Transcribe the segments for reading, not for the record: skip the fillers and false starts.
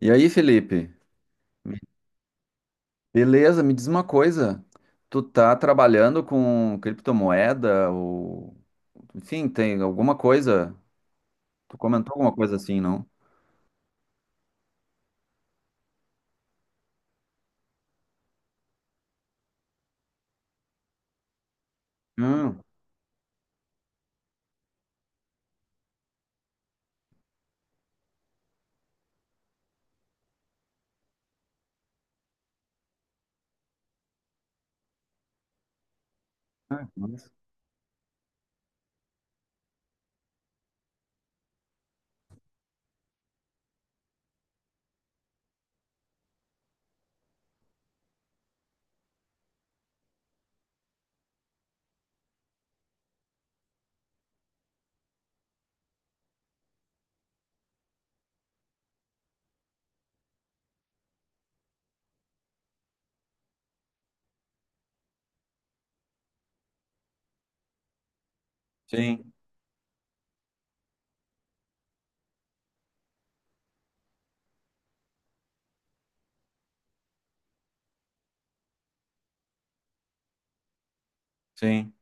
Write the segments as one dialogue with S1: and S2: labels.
S1: E aí, Felipe? Beleza, me diz uma coisa. Tu tá trabalhando com criptomoeda ou enfim, tem alguma coisa? Tu comentou alguma coisa assim, não? Hum. Ah, nossa. Sim, sim.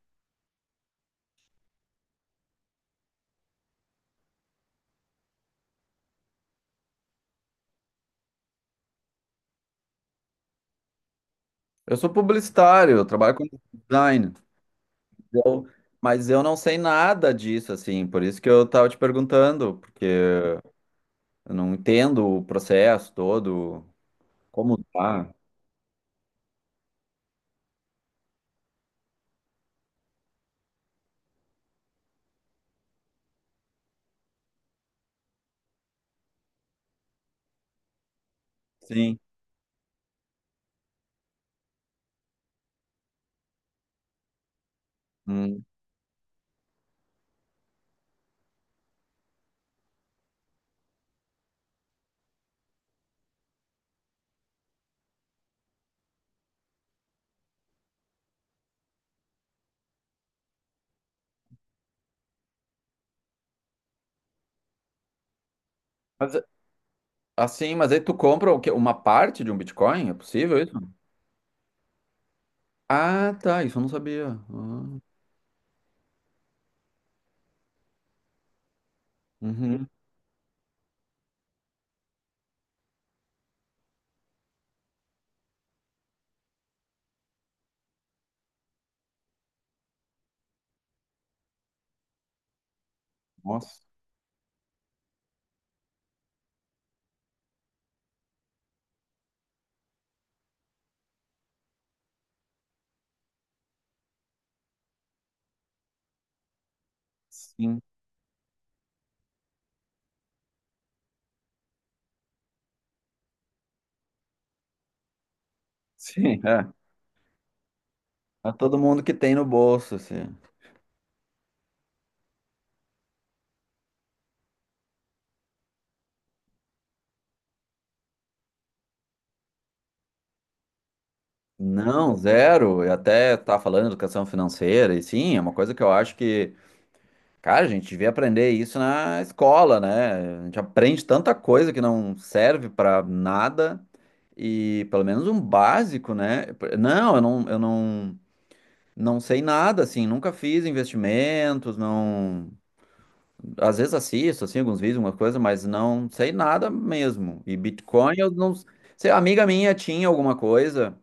S1: Eu sou publicitário, eu trabalho com design. Eu- Mas eu não sei nada disso, assim, por isso que eu tava te perguntando, porque eu não entendo o processo todo, como tá. Sim. Hum. Assim, mas aí tu compra o quê? Uma parte de um Bitcoin? É possível isso? Ah, tá. Isso eu não sabia. Ah. Uhum. Nossa. Sim. Sim, é. É todo mundo que tem no bolso, assim. Não, zero. Eu até tá falando de educação financeira, e sim, é uma coisa que eu acho que, cara, a gente devia aprender isso na escola, né? A gente aprende tanta coisa que não serve pra nada. E pelo menos um básico, né? Não, eu não. Não sei nada, assim, nunca fiz investimentos, não. Às vezes assisto, assim, alguns vídeos, alguma coisa, mas não sei nada mesmo. E Bitcoin, eu não sei. A amiga minha tinha alguma coisa.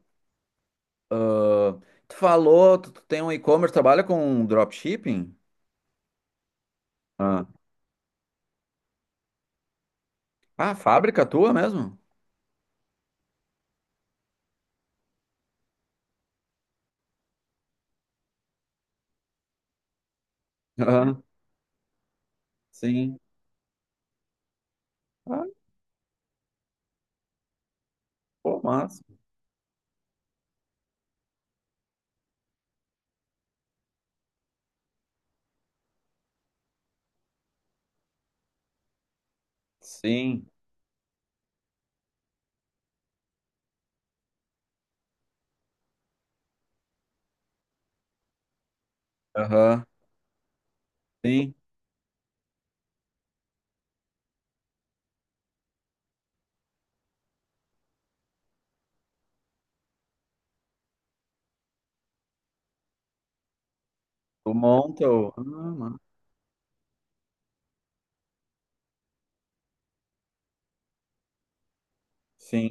S1: Ah, tu falou, tu tem um e-commerce, trabalha com dropshipping? Ah, ah, fábrica tua mesmo? Aham, sim. Ah, pô, massa. Sim. Aham, sim. Tu monta o. Ah, sim.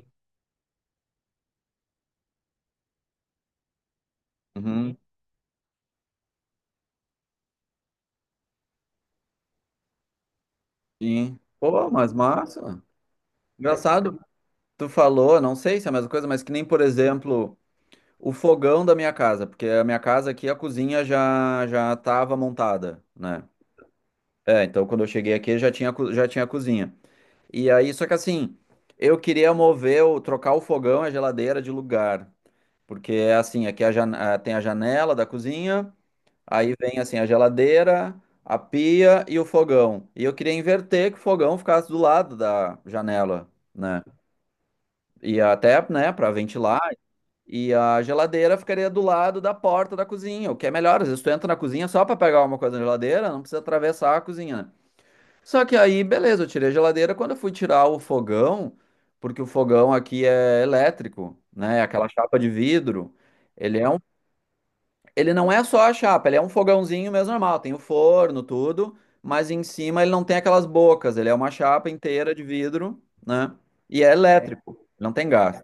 S1: Uhum, sim. Pô, mas massa. Engraçado. Tu falou, não sei se é a mesma coisa, mas que nem, por exemplo, o fogão da minha casa, porque a minha casa aqui, a cozinha já já estava montada, né? É, então quando eu cheguei aqui já tinha, já tinha a cozinha. E aí, só que assim, eu queria mover, trocar o fogão e a geladeira de lugar, porque é assim, aqui é tem a janela da cozinha, aí vem assim a geladeira, a pia e o fogão. E eu queria inverter que o fogão ficasse do lado da janela, né? E até, né, para ventilar. E a geladeira ficaria do lado da porta da cozinha, o que é melhor. Às vezes tu entra na cozinha só para pegar uma coisa na geladeira, não precisa atravessar a cozinha, né? Só que aí, beleza, eu tirei a geladeira. Quando eu fui tirar o fogão, porque o fogão aqui é elétrico, né? Aquela chapa de vidro. Ele é um, Ele não é só a chapa, ele é um fogãozinho mesmo normal. Tem o forno, tudo, mas em cima ele não tem aquelas bocas. Ele é uma chapa inteira de vidro, né? E é É. Elétrico, não tem gás.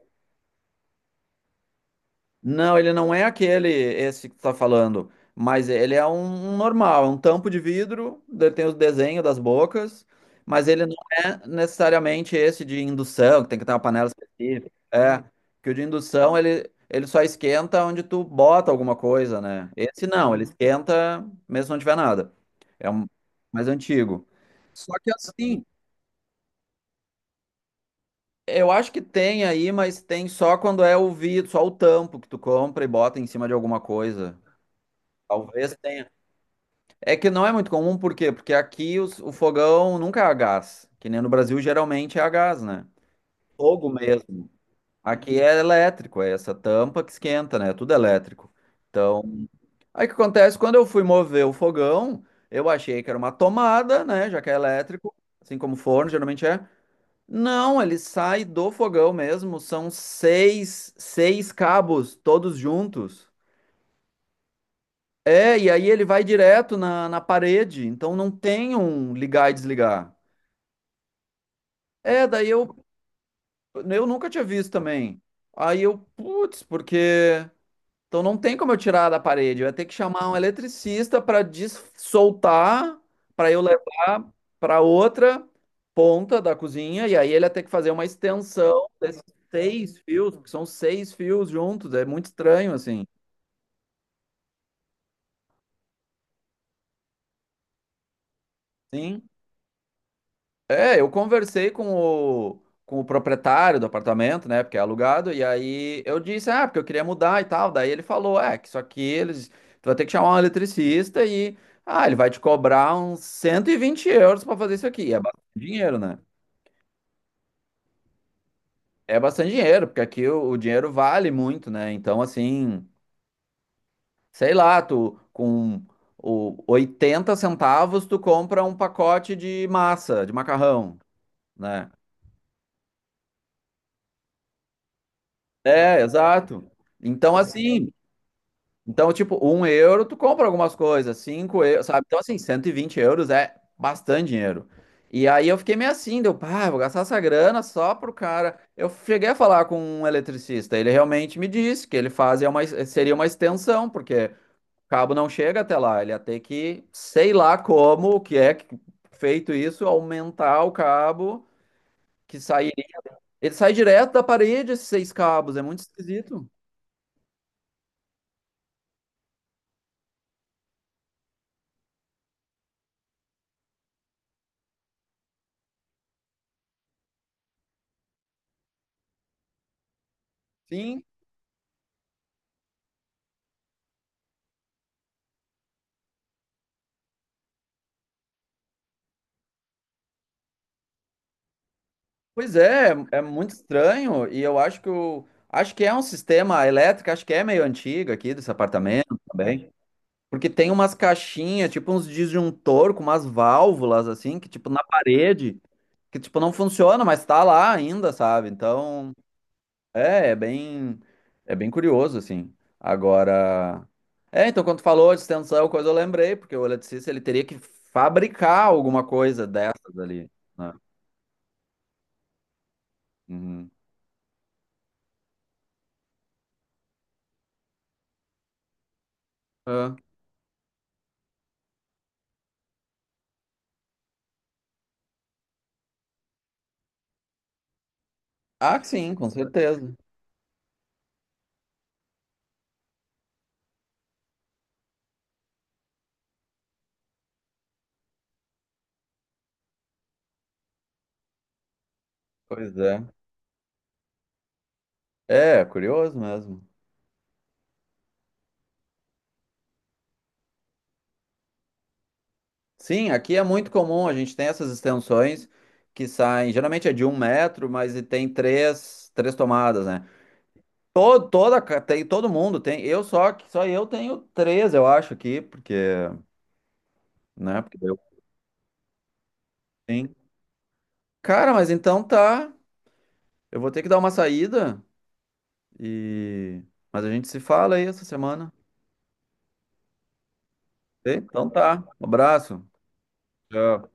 S1: Não, ele não é aquele, esse que tu tá falando, mas ele é um normal, é um tampo de vidro, ele tem o desenho das bocas, mas ele não é necessariamente esse de indução, que tem que ter uma panela específica. É, que o de indução ele só esquenta onde tu bota alguma coisa, né? Esse não, ele esquenta mesmo se não tiver nada. É um mais antigo. Só que assim, eu acho que tem aí, mas tem só quando é o vidro, só o tampo que tu compra e bota em cima de alguma coisa. Talvez tenha. É que não é muito comum, por quê? Porque aqui o fogão nunca é a gás, que nem no Brasil geralmente é a gás, né? Fogo mesmo. Aqui é elétrico, é essa tampa que esquenta, né? Tudo elétrico. Então, aí o que acontece? Quando eu fui mover o fogão, eu achei que era uma tomada, né? Já que é elétrico, assim como forno geralmente é. Não, ele sai do fogão mesmo, são seis cabos todos juntos. É, e aí ele vai direto na parede, então não tem um ligar e desligar. É, daí eu nunca tinha visto também. Aí eu, putz, porque. Então não tem como eu tirar da parede, eu ia ter que chamar um eletricista para soltar, para eu levar para outra ponta da cozinha, e aí ele ia ter que fazer uma extensão desses seis fios, porque são seis fios juntos, é muito estranho assim. Sim. É, eu conversei com o proprietário do apartamento, né? Porque é alugado, e aí eu disse, ah, porque eu queria mudar e tal. Daí ele falou, é, que isso aqui eles. Tu vai ter que chamar um eletricista e. Ah, ele vai te cobrar uns 120 euros para fazer isso aqui. É bastante dinheiro, né? É bastante dinheiro, porque aqui o dinheiro vale muito, né? Então, assim, sei lá, tu com o 80 centavos, tu compra um pacote de massa, de macarrão, né? É, exato. Então, assim. Então, tipo, 1 euro tu compra algumas coisas, 5 euros, sabe? Então, assim, 120 euros é bastante dinheiro. E aí eu fiquei meio assim, deu, pá, vou gastar essa grana só pro cara. Eu cheguei a falar com um eletricista, ele realmente me disse que ele fazia uma, seria uma extensão, porque o cabo não chega até lá, ele ia ter que, sei lá como, o que é que- feito isso, aumentar o cabo que sai. Ele sai direto da parede, esses seis cabos, é muito esquisito. Sim. Pois é, é muito estranho e eu acho que o acho que é um sistema elétrico, acho que é meio antigo aqui desse apartamento também, porque tem umas caixinhas, tipo uns disjuntor com umas válvulas assim, que tipo na parede, que tipo não funciona, mas tá lá ainda, sabe? Então, é, é bem é bem curioso assim. Agora, então quando tu falou de extensão, coisa eu lembrei, porque o eletricista ele teria que fabricar alguma coisa dessas ali, né? Uhum. Ah, sim, com certeza. Pois é. É, curioso mesmo. Sim, aqui é muito comum, a gente tem essas extensões que saem, geralmente é de 1 metro, mas e tem três tomadas, né? Tem, todo mundo tem, só eu tenho três, eu acho, aqui, porque, né, porque eu tenho. Cara, mas então tá, eu vou ter que dar uma saída e... Mas a gente se fala aí essa semana. Ok? Então tá, um abraço. Tchau.